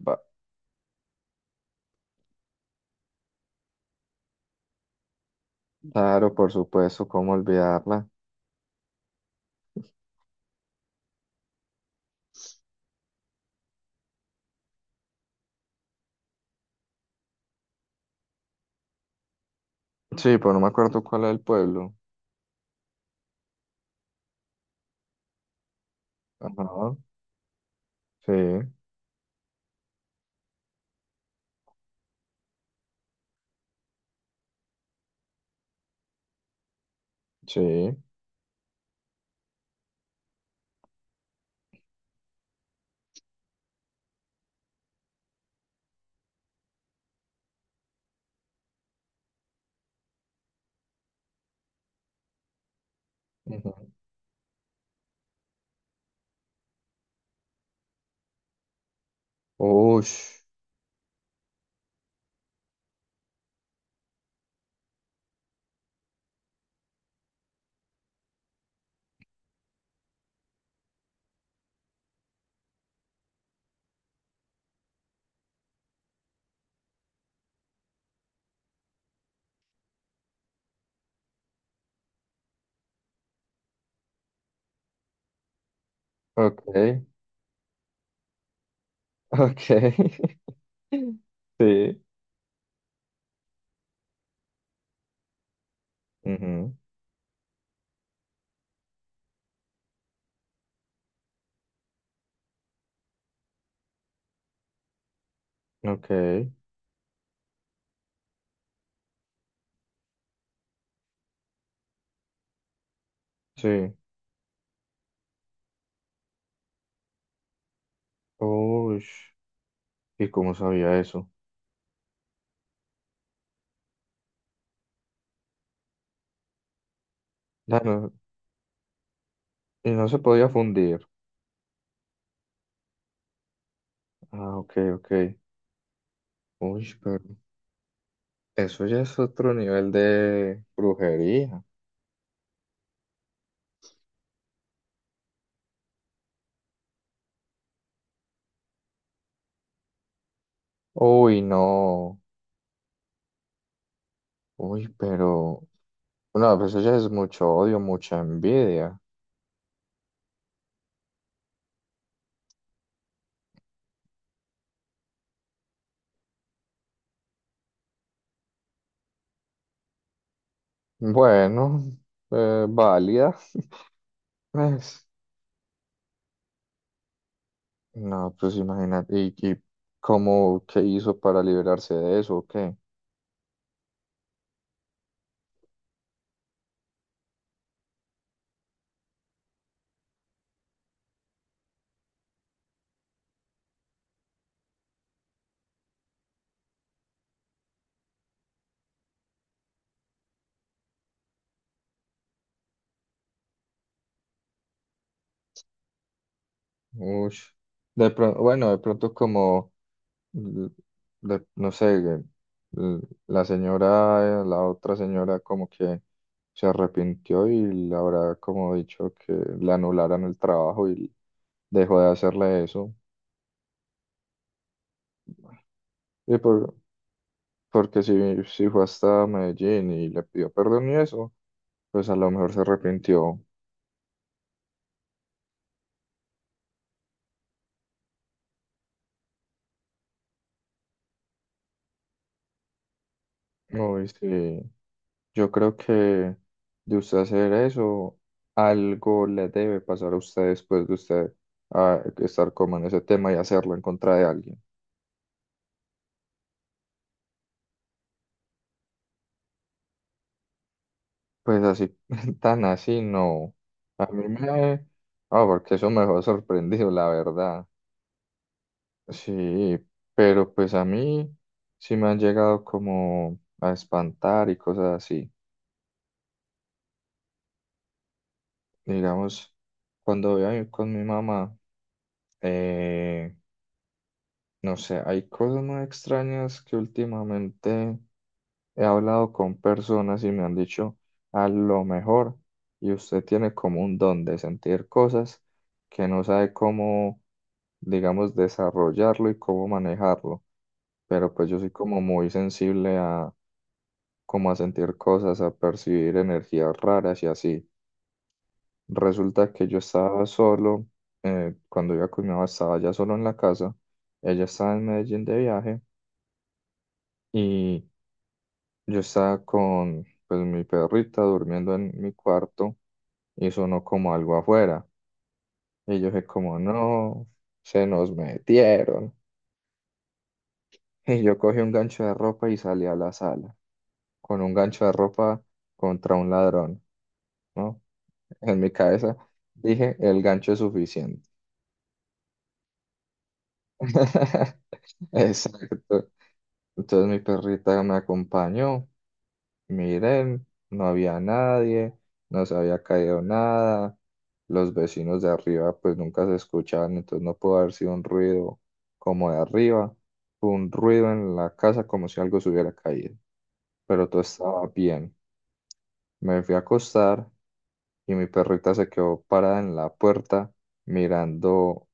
Ba- Claro, por supuesto, ¿cómo olvidarla? Sí, pero no me acuerdo cuál es el pueblo. Ajá, sí, sí. Ujú. Ush, ok, ok. Sí, ujú, ok, sí. Ush, ¿y cómo sabía eso? Ya no- y no se podía fundir. Ah, ok, ok. Uy, pero eso ya es otro nivel de brujería. Uy, no. Uy, pero... No, pues eso ya es mucho odio, mucha envidia. Bueno, válida, pues. No, pues imagínate. ¿Y cómo, qué hizo para liberarse de eso? ¿O qué? Ush. De pronto, bueno, de pronto como, l- no sé, l- la señora, la otra señora como que se arrepintió y le habrá como dicho que le anularan el trabajo y dejó de hacerle eso. Y por, Porque si fue hasta Medellín y le pidió perdón y eso, pues a lo mejor se arrepintió. No, y sí, yo creo que de usted hacer eso, algo le debe pasar a usted después de usted estar como en ese tema y hacerlo en contra de alguien. Pues así, tan así, no. A mí me... Ah, porque eso me dejó sorprendido, la verdad. Sí, pero pues a mí sí me han llegado como a espantar y cosas así. Digamos, cuando voy a ir con mi mamá, eh, no sé, hay cosas muy extrañas que últimamente he hablado con personas y me han dicho, a lo mejor, y usted tiene como un don de sentir cosas que no sabe cómo, digamos, desarrollarlo y cómo manejarlo. Pero pues yo soy como muy sensible a, como a sentir cosas, a percibir energías raras y así. Resulta que yo estaba solo, cuando iba con mi mamá estaba ya solo en la casa, ella estaba en Medellín de viaje y yo estaba con pues, mi perrita durmiendo en mi cuarto y sonó como algo afuera. Y yo dije como no, se nos metieron. Y yo cogí un gancho de ropa y salí a la sala, con un gancho de ropa contra un ladrón, ¿no? En mi cabeza dije, el gancho es suficiente. Exacto. Entonces mi perrita me acompañó, miren, no había nadie, no se había caído nada, los vecinos de arriba pues nunca se escuchaban, entonces no pudo haber sido un ruido como de arriba, fue un ruido en la casa como si algo se hubiera caído, pero todo estaba bien. Me fui a acostar y mi perrita se quedó parada en la puerta mirando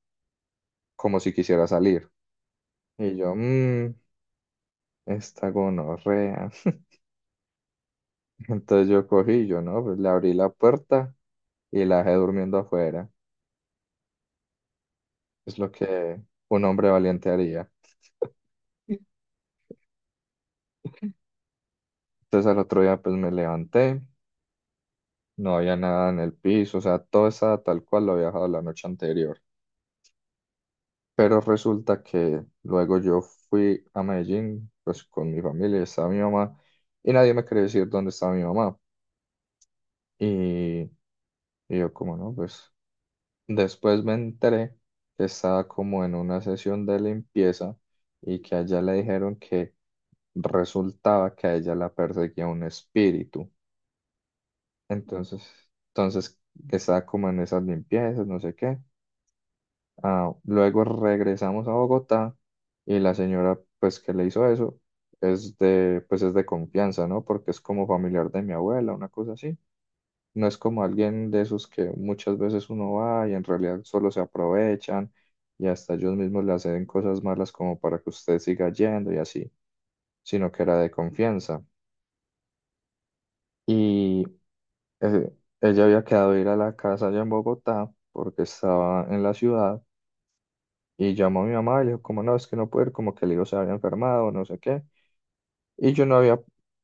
como si quisiera salir. Y yo, esta gonorrea. Entonces yo cogí, yo no, pues le abrí la puerta y la dejé durmiendo afuera. Es lo que un hombre valiente haría. Entonces al otro día pues me levanté, no había nada en el piso, o sea, todo estaba tal cual lo había dejado la noche anterior. Pero resulta que luego yo fui a Medellín, pues con mi familia, y estaba mi mamá, y nadie me quería decir dónde estaba mi mamá. Y, y yo como no, pues después me enteré que estaba como en una sesión de limpieza y que a ella le dijeron que resultaba que a ella la perseguía un espíritu. Entonces, entonces estaba como en esas limpiezas, no sé qué. Ah, luego regresamos a Bogotá y la señora pues que le hizo eso es de pues es de confianza, ¿no? Porque es como familiar de mi abuela, una cosa así. No es como alguien de esos que muchas veces uno va y en realidad solo se aprovechan y hasta ellos mismos le hacen cosas malas como para que usted siga yendo y así, sino que era de confianza. Y eh, ella había quedado de ir a la casa allá en Bogotá porque estaba en la ciudad y llamó a mi mamá y le dijo como no, es que no puedo ir, como que el hijo se había enfermado, no sé qué. Y yo no había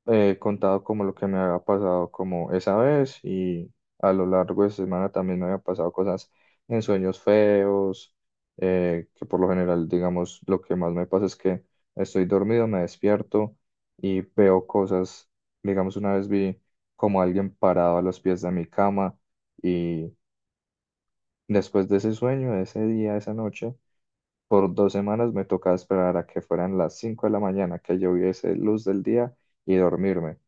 contado como lo que me había pasado como esa vez y a lo largo de esa semana también me había pasado cosas en sueños feos, que por lo general, digamos, lo que más me pasa es que estoy dormido, me despierto y veo cosas, digamos, una vez vi como alguien parado a los pies de mi cama y después de ese sueño, de ese día, de esa noche, por 2 semanas me tocaba esperar a que fueran las 5 de la mañana, que yo viese luz del día y dormirme,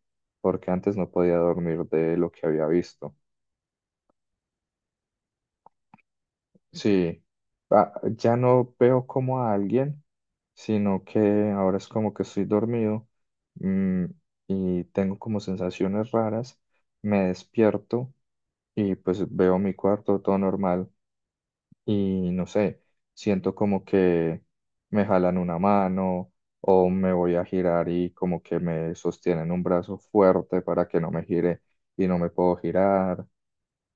porque antes no podía dormir de lo que había visto. Sí, ya no veo como a alguien, sino que ahora es como que estoy dormido, mm, y tengo como sensaciones raras, me despierto y pues veo mi cuarto todo normal. Y no sé, siento como que me jalan una mano o me voy a girar y como que me sostienen un brazo fuerte para que no me gire y no me puedo girar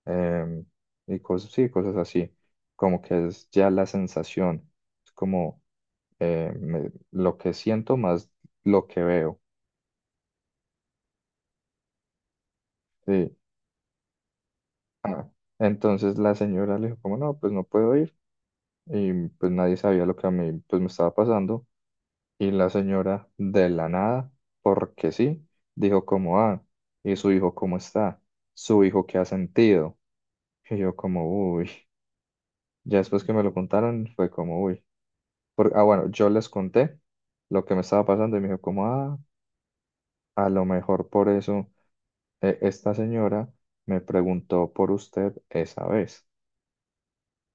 em, y cosas, sí, cosas así, como que es ya la sensación, es como lo que siento más lo que veo, sí. Ah, entonces la señora le dijo como no, pues no puedo ir y pues nadie sabía lo que a mí pues me estaba pasando. Y la señora, de la nada, porque sí, dijo como, ah, ¿y su hijo cómo está? ¿Su hijo qué ha sentido? Y yo como, uy, ya después que me lo contaron fue como, uy. Ah, bueno, yo les conté lo que me estaba pasando y me dijo como, ah, a lo mejor por eso esta señora me preguntó por usted esa vez,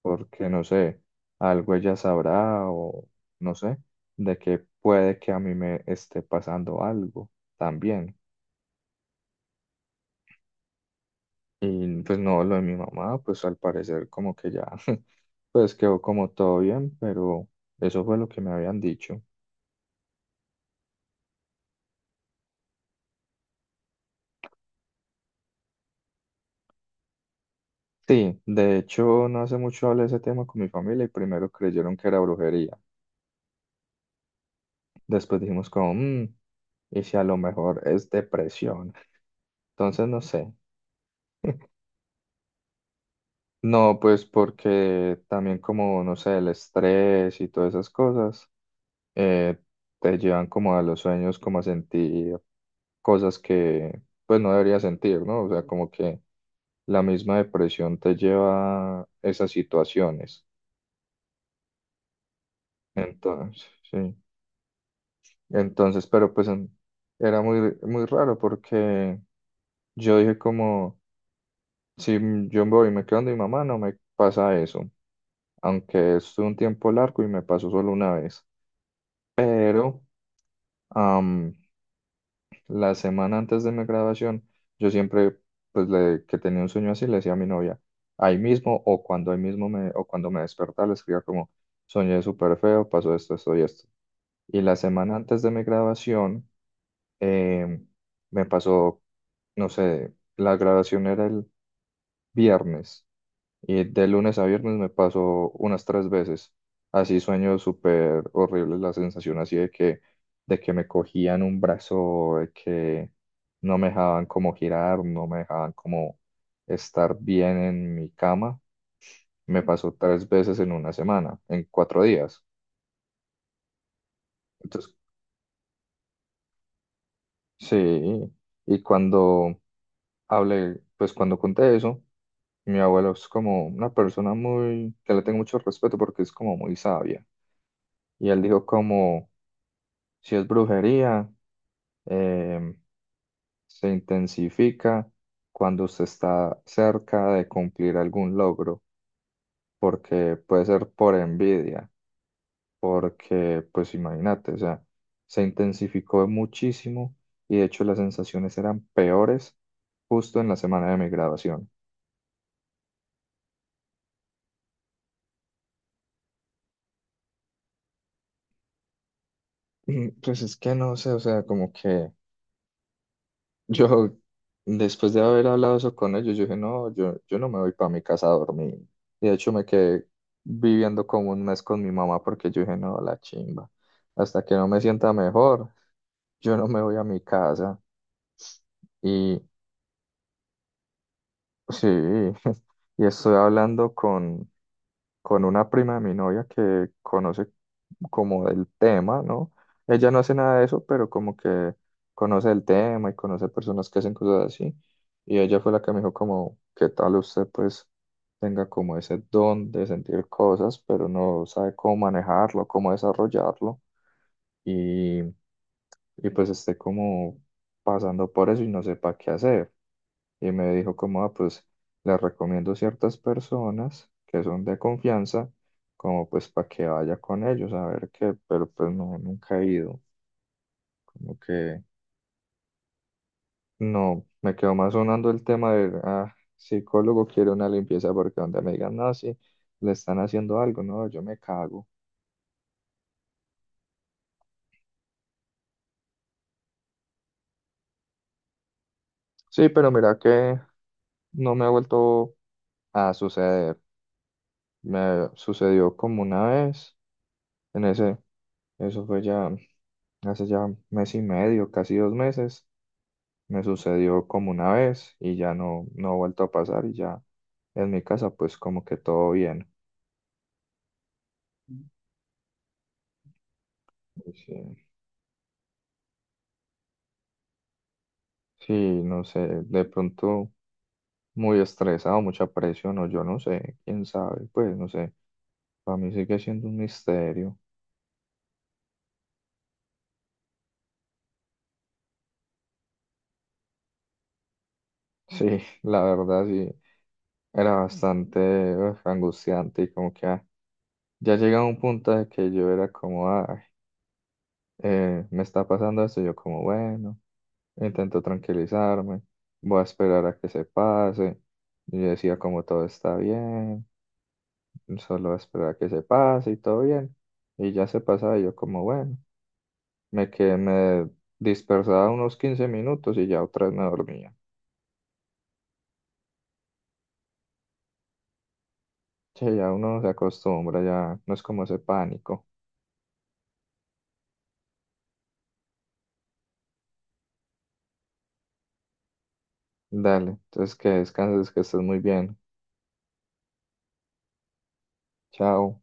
porque no sé, algo ella sabrá o no sé, de que puede que a mí me esté pasando algo también. Y pues no, lo de mi mamá, pues al parecer como que ya, pues quedó como todo bien, pero eso fue lo que me habían dicho. Sí, de hecho no hace mucho hablé de ese tema con mi familia y primero creyeron que era brujería. Después dijimos como, y si a lo mejor es depresión". Entonces no sé. No, pues porque también como, no sé, el estrés y todas esas cosas eh, te llevan como a los sueños, como a sentir cosas que pues no debería sentir, ¿no? O sea, como que la misma depresión te lleva a esas situaciones. Entonces, sí. Entonces, pero pues era muy, muy raro porque yo dije como, si yo me voy y me quedo donde mi mamá, no me pasa eso. Aunque estuve un tiempo largo y me pasó solo una vez. Pero, la semana antes de mi graduación, yo siempre, pues, que tenía un sueño así, le decía a mi novia, ahí mismo o cuando ahí mismo me, o cuando me despertaba, le escribía como, soñé súper feo, pasó esto, esto y esto. Y la semana antes de mi graduación, em, me pasó, no sé, la graduación era el viernes. Y de lunes a viernes me pasó unas tres veces. Así sueño súper horrible, la sensación así de que me cogían un brazo, de que no me dejaban como girar, no me dejaban como estar bien en mi cama. Me pasó tres veces en una semana, en 4 días. Entonces, sí, y cuando hablé, pues cuando conté eso, mi abuelo es como una persona muy, que le tengo mucho respeto porque es como muy sabia. Y él dijo como... Si es brujería, em, se intensifica cuando usted está cerca de cumplir algún logro, porque puede ser por envidia, porque, pues imagínate, o sea, se intensificó muchísimo y de hecho las sensaciones eran peores justo en la semana de mi graduación. Pues es que no sé, o sea, como que... Yo, después de haber hablado eso con ellos, yo dije, no, yo no me voy para mi casa a dormir. Y de hecho me quedé viviendo como un mes con mi mamá porque yo dije, no, la chimba. Hasta que no me sienta mejor, yo no me voy a mi casa. Sí, y estoy hablando con una prima de mi novia que conoce como del tema, ¿no? Ella no hace nada de eso, pero como que conoce el tema y conoce personas que hacen cosas así. Y ella fue la que me dijo como, ¿qué tal usted pues tenga como ese don de sentir cosas, pero no sabe cómo manejarlo, cómo desarrollarlo? Y, y pues esté como pasando por eso y no sepa qué hacer. Y me dijo como, ah, pues le recomiendo ciertas personas que son de confianza, como pues para que vaya con ellos a ver qué, pero pues no, nunca he ido, como que no, me quedó más sonando el tema de, ah, psicólogo quiere una limpieza porque donde me digan, no, sí, le están haciendo algo, no, yo me cago. Sí, pero mira que no me ha vuelto a suceder. Me sucedió como una vez, en ese, eso fue ya hace ya mes y medio, casi 2 meses, me sucedió como una vez y ya no, no ha vuelto a pasar y ya en mi casa pues como que todo bien. Y sí, sí, no sé, de pronto muy estresado, mucha presión o yo no sé, quién sabe, pues no sé, para mí sigue siendo un misterio. Sí, la verdad sí, era bastante uf, angustiante y como que ah, ya llegaba un punto de que yo era como, ay. Eh, me está pasando esto, yo como, bueno, intento tranquilizarme, voy a esperar a que se pase. Y yo decía como todo está bien, solo voy a esperar a que se pase y todo bien. Y ya se pasaba y yo como, bueno, me que me dispersaba unos 15 minutos y ya otra vez me dormía. Che, ya uno se acostumbra, ya no es como ese pánico. Dale, entonces que descanses, que estés muy bien. Chao.